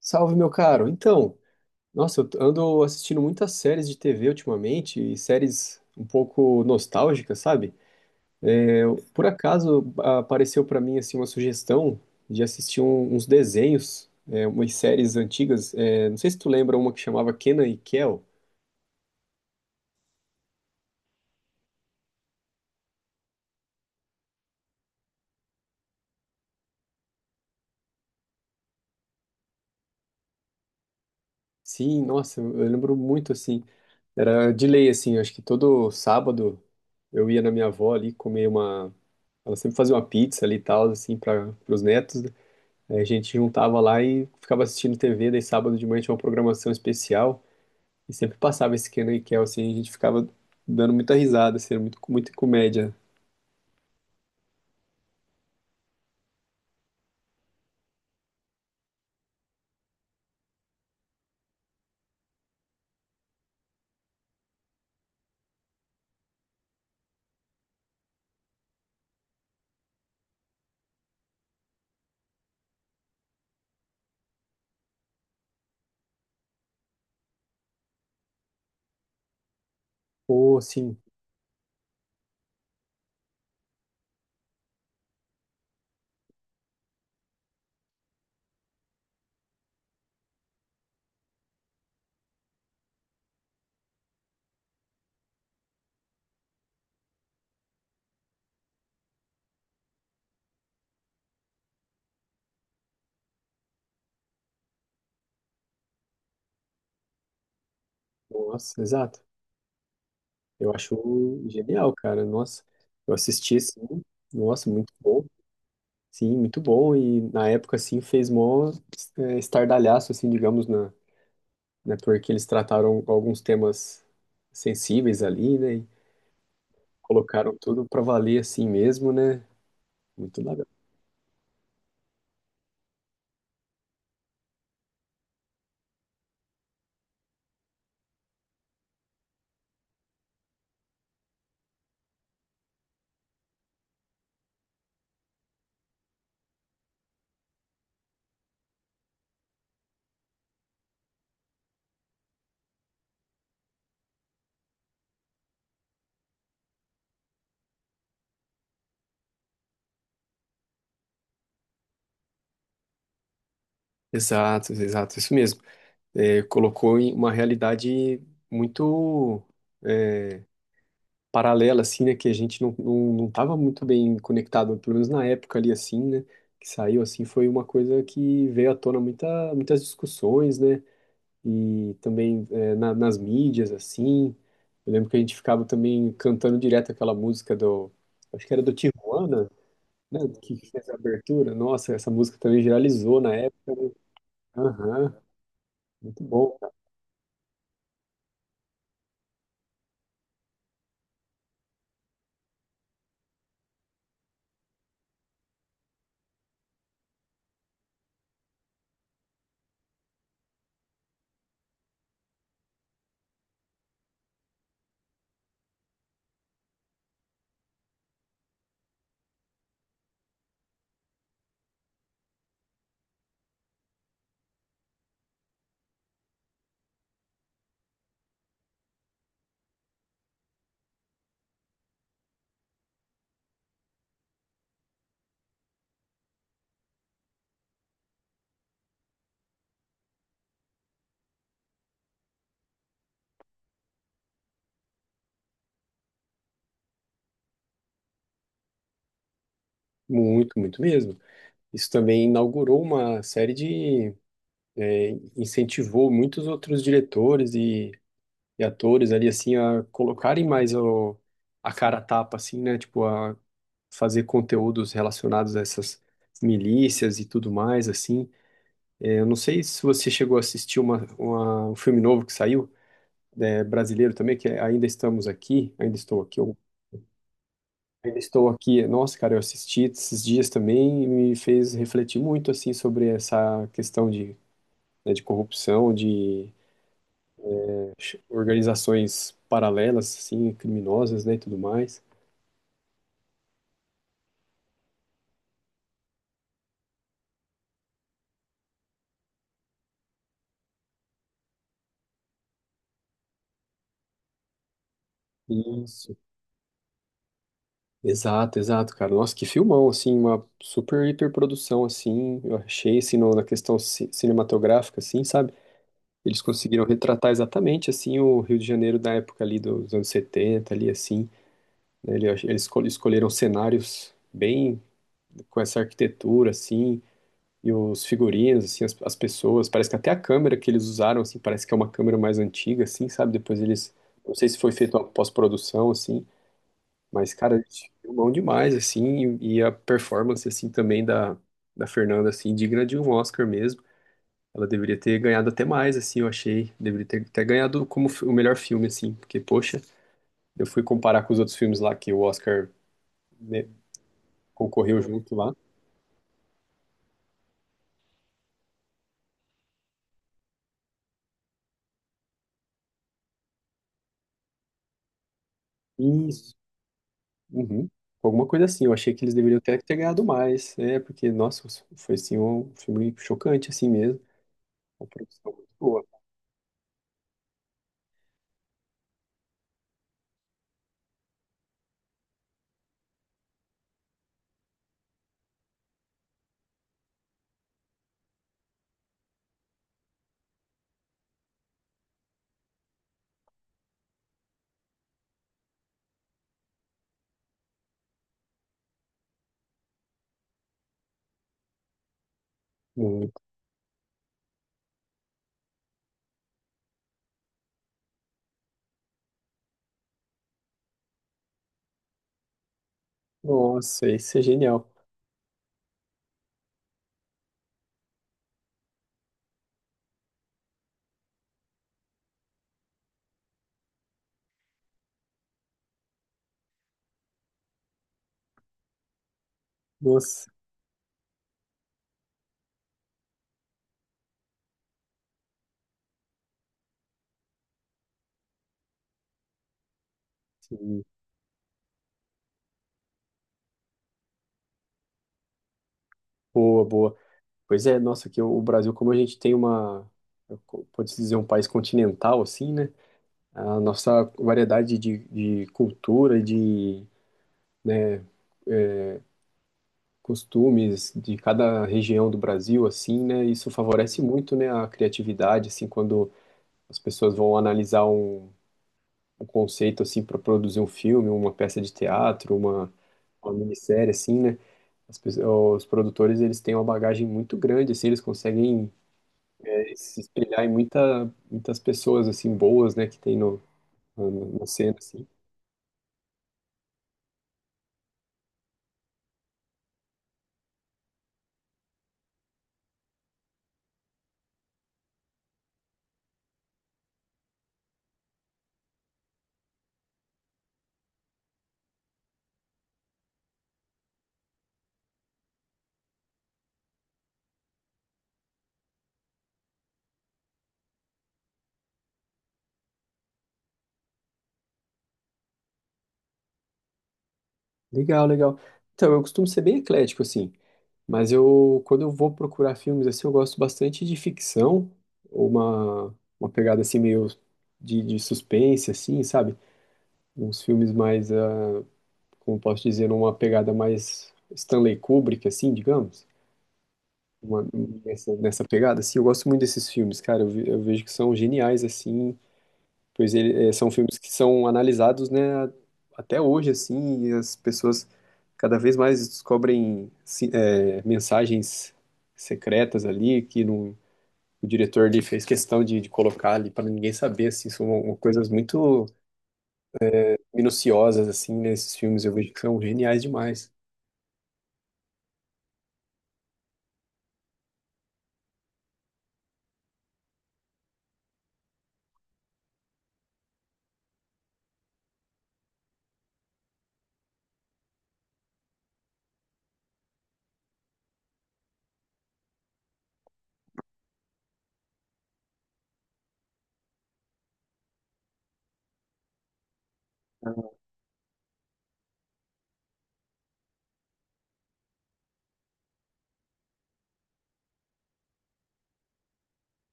Salve, meu caro. Nossa, eu ando assistindo muitas séries de TV ultimamente e séries um pouco nostálgicas, sabe? Por acaso apareceu pra mim assim uma sugestão de assistir uns desenhos, umas séries antigas. É, não sei se tu lembra uma que chamava Kenan e Kel. Sim, nossa, eu lembro muito assim. Era de lei assim. Acho que todo sábado eu ia na minha avó ali comer uma. Ela sempre fazia uma pizza ali e tal assim para os netos, né? Aí a gente juntava lá e ficava assistindo TV, daí sábado de manhã tinha uma programação especial e sempre passava esse Kenan e Kel, assim, a gente ficava dando muita risada, assim, era muita comédia. Pô, assim, nossa, exato. Eu acho genial, cara, nossa. Eu assisti, assim, nossa, muito bom. Sim, muito bom e na época, assim, fez mó estardalhaço, assim, digamos, na, né, porque eles trataram alguns temas sensíveis ali, né, e colocaram tudo pra valer assim mesmo, né, muito da. Exato, exato, isso mesmo. É, colocou em uma realidade muito, é, paralela, assim, né, que a gente não tava muito bem conectado, pelo menos na época ali, assim, né, que saiu, assim, foi uma coisa que veio à tona muitas discussões, né, e também nas mídias, assim, eu lembro que a gente ficava também cantando direto aquela música do, acho que era do Tijuana, né, que fez a abertura, nossa, essa música também viralizou na época, aham, muito bom. Muito, muito mesmo. Isso também inaugurou uma série de, incentivou muitos outros diretores e atores ali, assim, a colocarem mais o, a cara a tapa, assim, né? Tipo, a fazer conteúdos relacionados a essas milícias e tudo mais, assim. É, eu não sei se você chegou a assistir uma, um filme novo que saiu, é, brasileiro também, que é Ainda Estamos Aqui, Ainda Estou Aqui. Ainda estou aqui. Nossa, cara, eu assisti esses dias também e me fez refletir muito assim sobre essa questão de, né, de corrupção, de organizações paralelas, assim, criminosas, né, e tudo mais. Isso. Exato, exato, cara. Nossa, que filmão, assim, uma super hiperprodução, assim, eu achei, assim, na questão cinematográfica, assim, sabe? Eles conseguiram retratar exatamente, assim, o Rio de Janeiro da época ali dos anos 70 ali, assim, né? Eles escolheram cenários bem com essa arquitetura, assim, e os figurinos, assim, as pessoas. Parece que até a câmera que eles usaram, assim, parece que é uma câmera mais antiga, assim, sabe? Depois eles. Não sei se foi feito uma pós-produção, assim, mas, cara, eles filmam demais, assim, e a performance, assim, também da, da Fernanda, assim, digna de um Oscar mesmo. Ela deveria ter ganhado até mais, assim, eu achei. Deveria ter, ter ganhado como o melhor filme, assim, porque, poxa, eu fui comparar com os outros filmes lá que o Oscar, né, concorreu junto lá. E uhum. Alguma coisa assim, eu achei que eles deveriam até ter ganhado mais, é, porque, nossa, foi assim um filme chocante, assim mesmo. Uma produção muito boa. Muito. Nossa, isso é genial. Nossa, sim. Boa, boa. Pois é, nossa, que o Brasil, como a gente tem uma, pode-se dizer, um país continental, assim, né? A nossa variedade de cultura, de, né, é, costumes de cada região do Brasil, assim, né? Isso favorece muito, né, a criatividade, assim, quando as pessoas vão analisar um, um conceito assim para produzir um filme, uma peça de teatro, uma minissérie assim, né? Os produtores eles têm uma bagagem muito grande, assim, eles conseguem é, se espelhar em muitas pessoas assim boas, né, que tem no, na cena assim. Legal, legal. Então, eu costumo ser bem eclético assim, mas eu quando eu vou procurar filmes assim, eu gosto bastante de ficção, ou uma pegada assim meio de suspense assim, sabe? Uns filmes mais ah, como posso dizer, uma pegada mais Stanley Kubrick, assim, digamos. Uma- nessa, nessa pegada, assim, eu gosto muito desses filmes, cara. Eu, eu vejo que são geniais, assim, pois ele, é, são filmes que são analisados, né, até hoje, assim, e as pessoas cada vez mais descobrem é, mensagens secretas ali que não, o diretor ali fez questão de colocar ali para ninguém saber, assim, são uma- coisas muito minuciosas, assim, nesses filmes. Eu vejo que são geniais demais.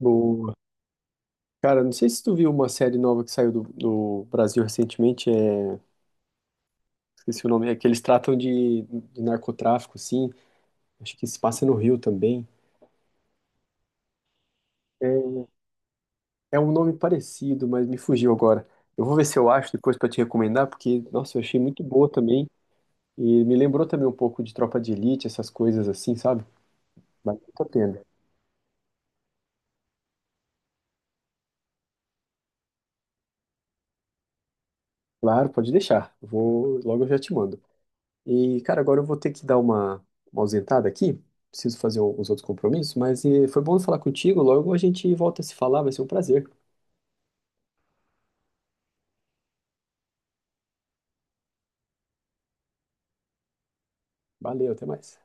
O cara, não sei se tu viu uma série nova que saiu do, do Brasil recentemente, é... esqueci o nome, é que eles tratam de narcotráfico, sim. Acho que se passa no Rio também. É, é um nome parecido, mas me fugiu agora. Eu vou ver se eu acho depois pra te recomendar, porque, nossa, eu achei muito boa também. E me lembrou também um pouco de Tropa de Elite, essas coisas assim, sabe? Vale muito a pena. Claro, pode deixar. Eu vou, logo eu já te mando. E, cara, agora eu vou ter que dar uma ausentada aqui. Preciso fazer os outros compromissos, mas foi bom falar contigo. Logo a gente volta a se falar, vai ser um prazer. Valeu, até mais.